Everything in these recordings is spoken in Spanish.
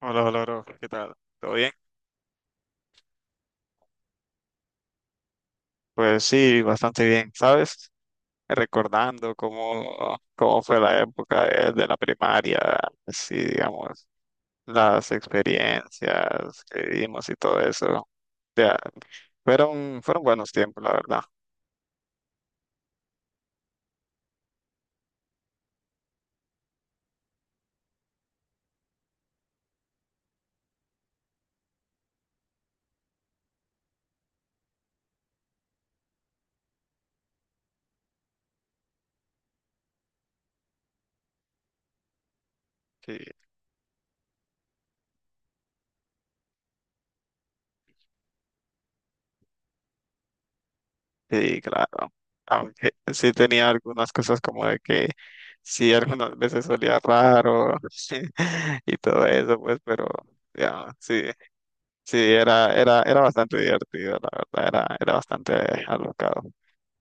Hola, hola, bro. ¿Qué tal? ¿Todo bien? Pues sí, bastante bien, ¿sabes? Recordando cómo fue la época de la primaria, sí, digamos, las experiencias que vivimos y todo eso. Ya, fueron buenos tiempos, la verdad. Sí, sí, claro. Aunque sí tenía algunas cosas como de que sí, algunas veces solía raro y todo eso, pues, pero ya, sí. Sí, era bastante divertido, la verdad, era bastante alocado.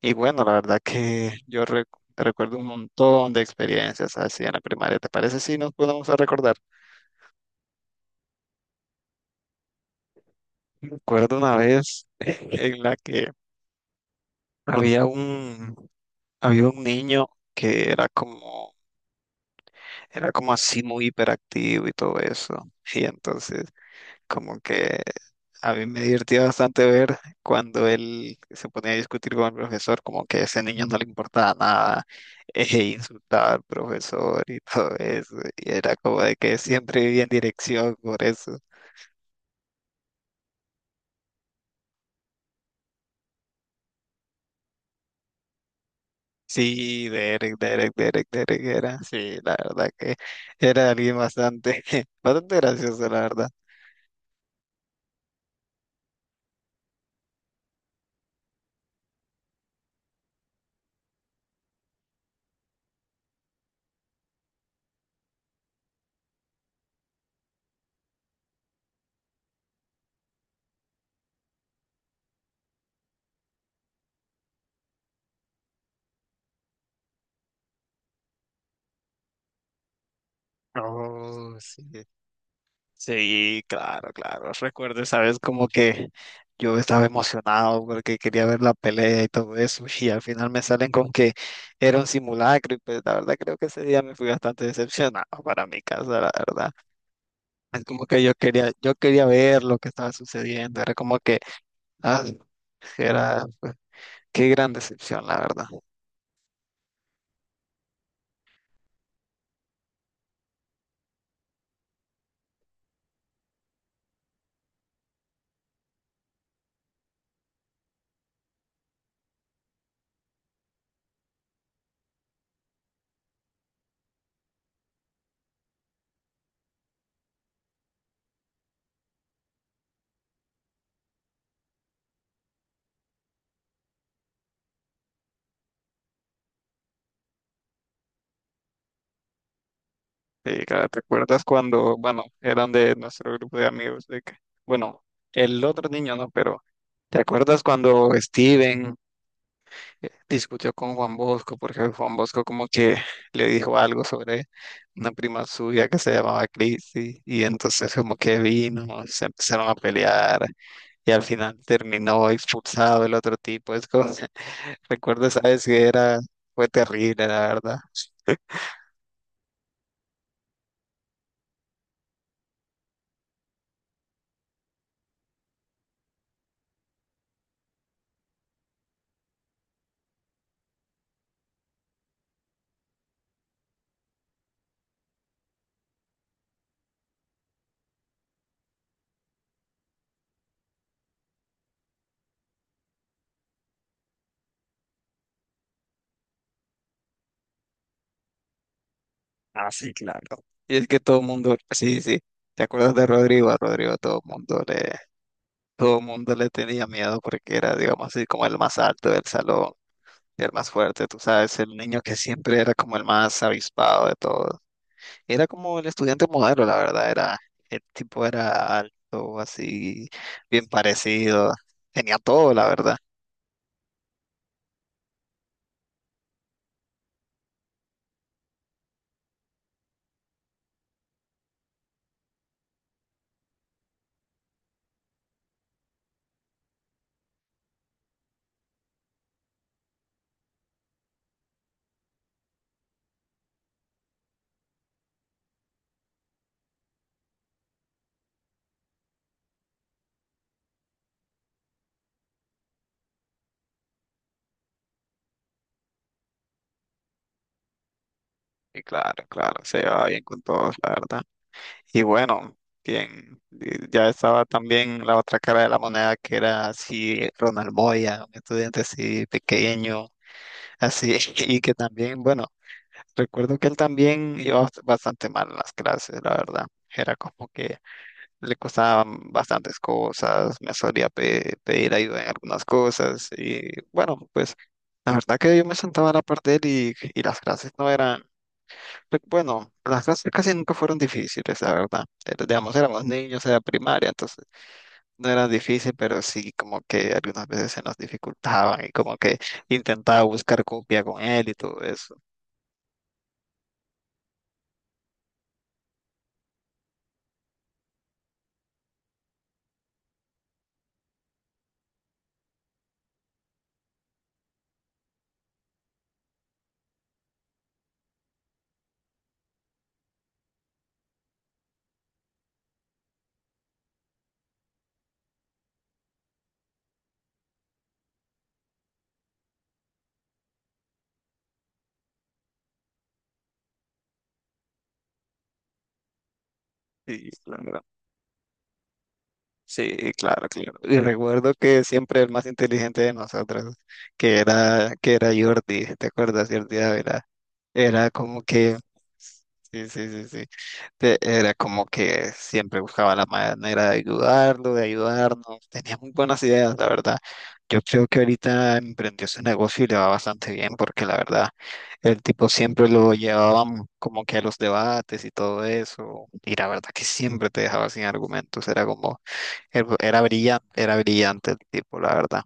Y bueno, la verdad que recuerdo un montón de experiencias así en la primaria. ¿Te parece si nos podemos a recordar? Recuerdo una vez en la que había un, había un niño que era como así muy hiperactivo y todo eso. Y entonces como que a mí me divertía bastante ver cuando él se ponía a discutir con el profesor, como que a ese niño no le importaba nada, e insultaba al profesor y todo eso. Y era como de que siempre vivía en dirección por eso. Sí, Derek era. Sí, la verdad que era alguien bastante, bastante gracioso, la verdad. Oh, sí. Sí, claro, claro. Recuerdo, sabes, como que yo estaba emocionado porque quería ver la pelea y todo eso, y al final me salen con que era un simulacro, y pues la verdad creo que ese día me fui bastante decepcionado para mi casa, la verdad. Es como que yo quería ver lo que estaba sucediendo, era como que, ah, era, qué gran decepción, la verdad. Sí, claro, ¿te acuerdas cuando, bueno, eran de nuestro grupo de amigos, de que, bueno, el otro niño no, pero... ¿Te acuerdas cuando Steven, discutió con Juan Bosco porque Juan Bosco como que le dijo algo sobre una prima suya que se llamaba Cristi y entonces como que vino, se empezaron a pelear y al final terminó expulsado el otro tipo. Es como, recuerdo esa vez que era, fue terrible, la verdad. Ah, sí, claro. Y es que todo el mundo, sí, sí. ¿Te acuerdas de Rodrigo? A Rodrigo todo el mundo le tenía miedo porque era, digamos así, como el más alto del salón. Era el más fuerte, tú sabes, el niño que siempre era como el más avispado de todos. Era como el estudiante modelo, la verdad, era, el tipo era alto, así, bien parecido, tenía todo, la verdad. Y claro, claro, se llevaba bien con todos, la verdad. Y bueno, bien, y ya estaba también la otra cara de la moneda que era así, Ronald Moya, un estudiante así pequeño, así, y que también, bueno, recuerdo que él también iba bastante mal en las clases, la verdad. Era como que le costaban bastantes cosas, me solía pedir ayuda en algunas cosas y bueno, pues la verdad que yo me sentaba a la par de él y las clases no eran, pues, bueno, las clases casi nunca fueron difíciles, la verdad. Era, digamos, éramos niños, era primaria, entonces no era difícil, pero sí como que algunas veces se nos dificultaban y como que intentaba buscar copia con él y todo eso. Y sí, claro, claro. Y recuerdo que siempre el más inteligente de nosotros, que era Jordi, ¿te acuerdas? Jordi Ávila. Era como que, sí. Era como que siempre buscaba la manera de ayudarlo, de ayudarnos. Tenía muy buenas ideas, la verdad. Yo creo que ahorita emprendió su negocio y le va bastante bien, porque la verdad, el tipo siempre lo llevábamos como que a los debates y todo eso. Y la verdad que siempre te dejaba sin argumentos. Era como era era brillante el tipo, la verdad.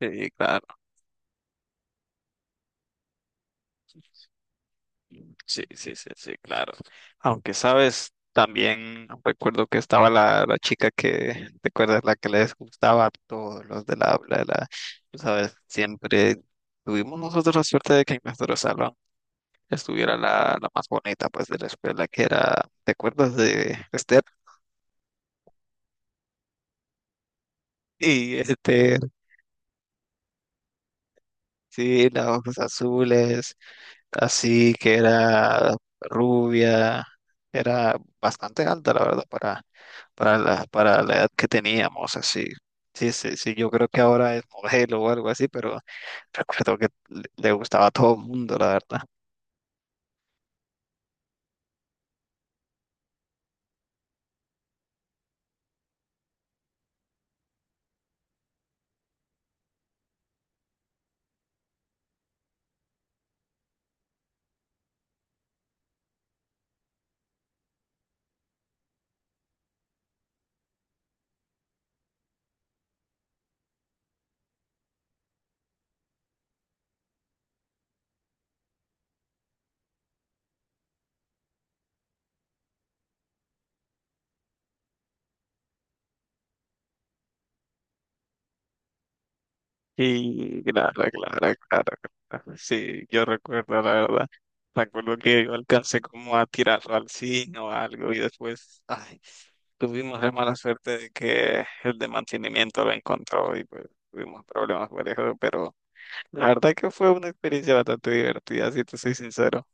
Sí, claro, sí, claro. Aunque sabes, también recuerdo que estaba la chica que, ¿te acuerdas? La que les gustaba a todos los del habla, la, tú sabes, siempre tuvimos nosotros la suerte de que en nuestro salón estuviera la más bonita, pues, de la escuela, que era, ¿te acuerdas de Esther? Y Esther, sí, los ojos azules, así que era rubia, era bastante alta, la verdad, para, para la edad que teníamos, así. Sí, yo creo que ahora es modelo o algo así, pero recuerdo que le gustaba a todo el mundo, la verdad. Y claro. Sí, yo recuerdo, la verdad. Recuerdo que yo alcancé como a tirarlo al zinc o algo y después, ay, tuvimos la mala suerte de que el de mantenimiento lo encontró y pues tuvimos problemas por eso, pero la verdad que fue una experiencia bastante divertida, si te soy sincero.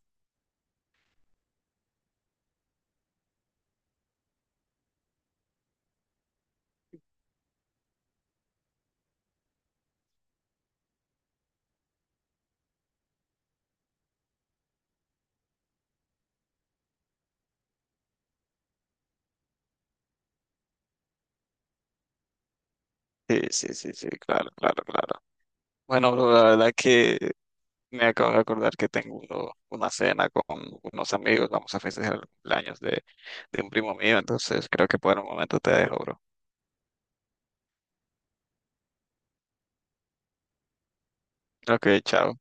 Sí, claro, claro, claro. Bueno, bro, la verdad que me acabo de acordar que tengo una cena con unos amigos, vamos a festejar el cumpleaños de un primo mío, entonces creo que por el momento te dejo, bro. Ok, chao.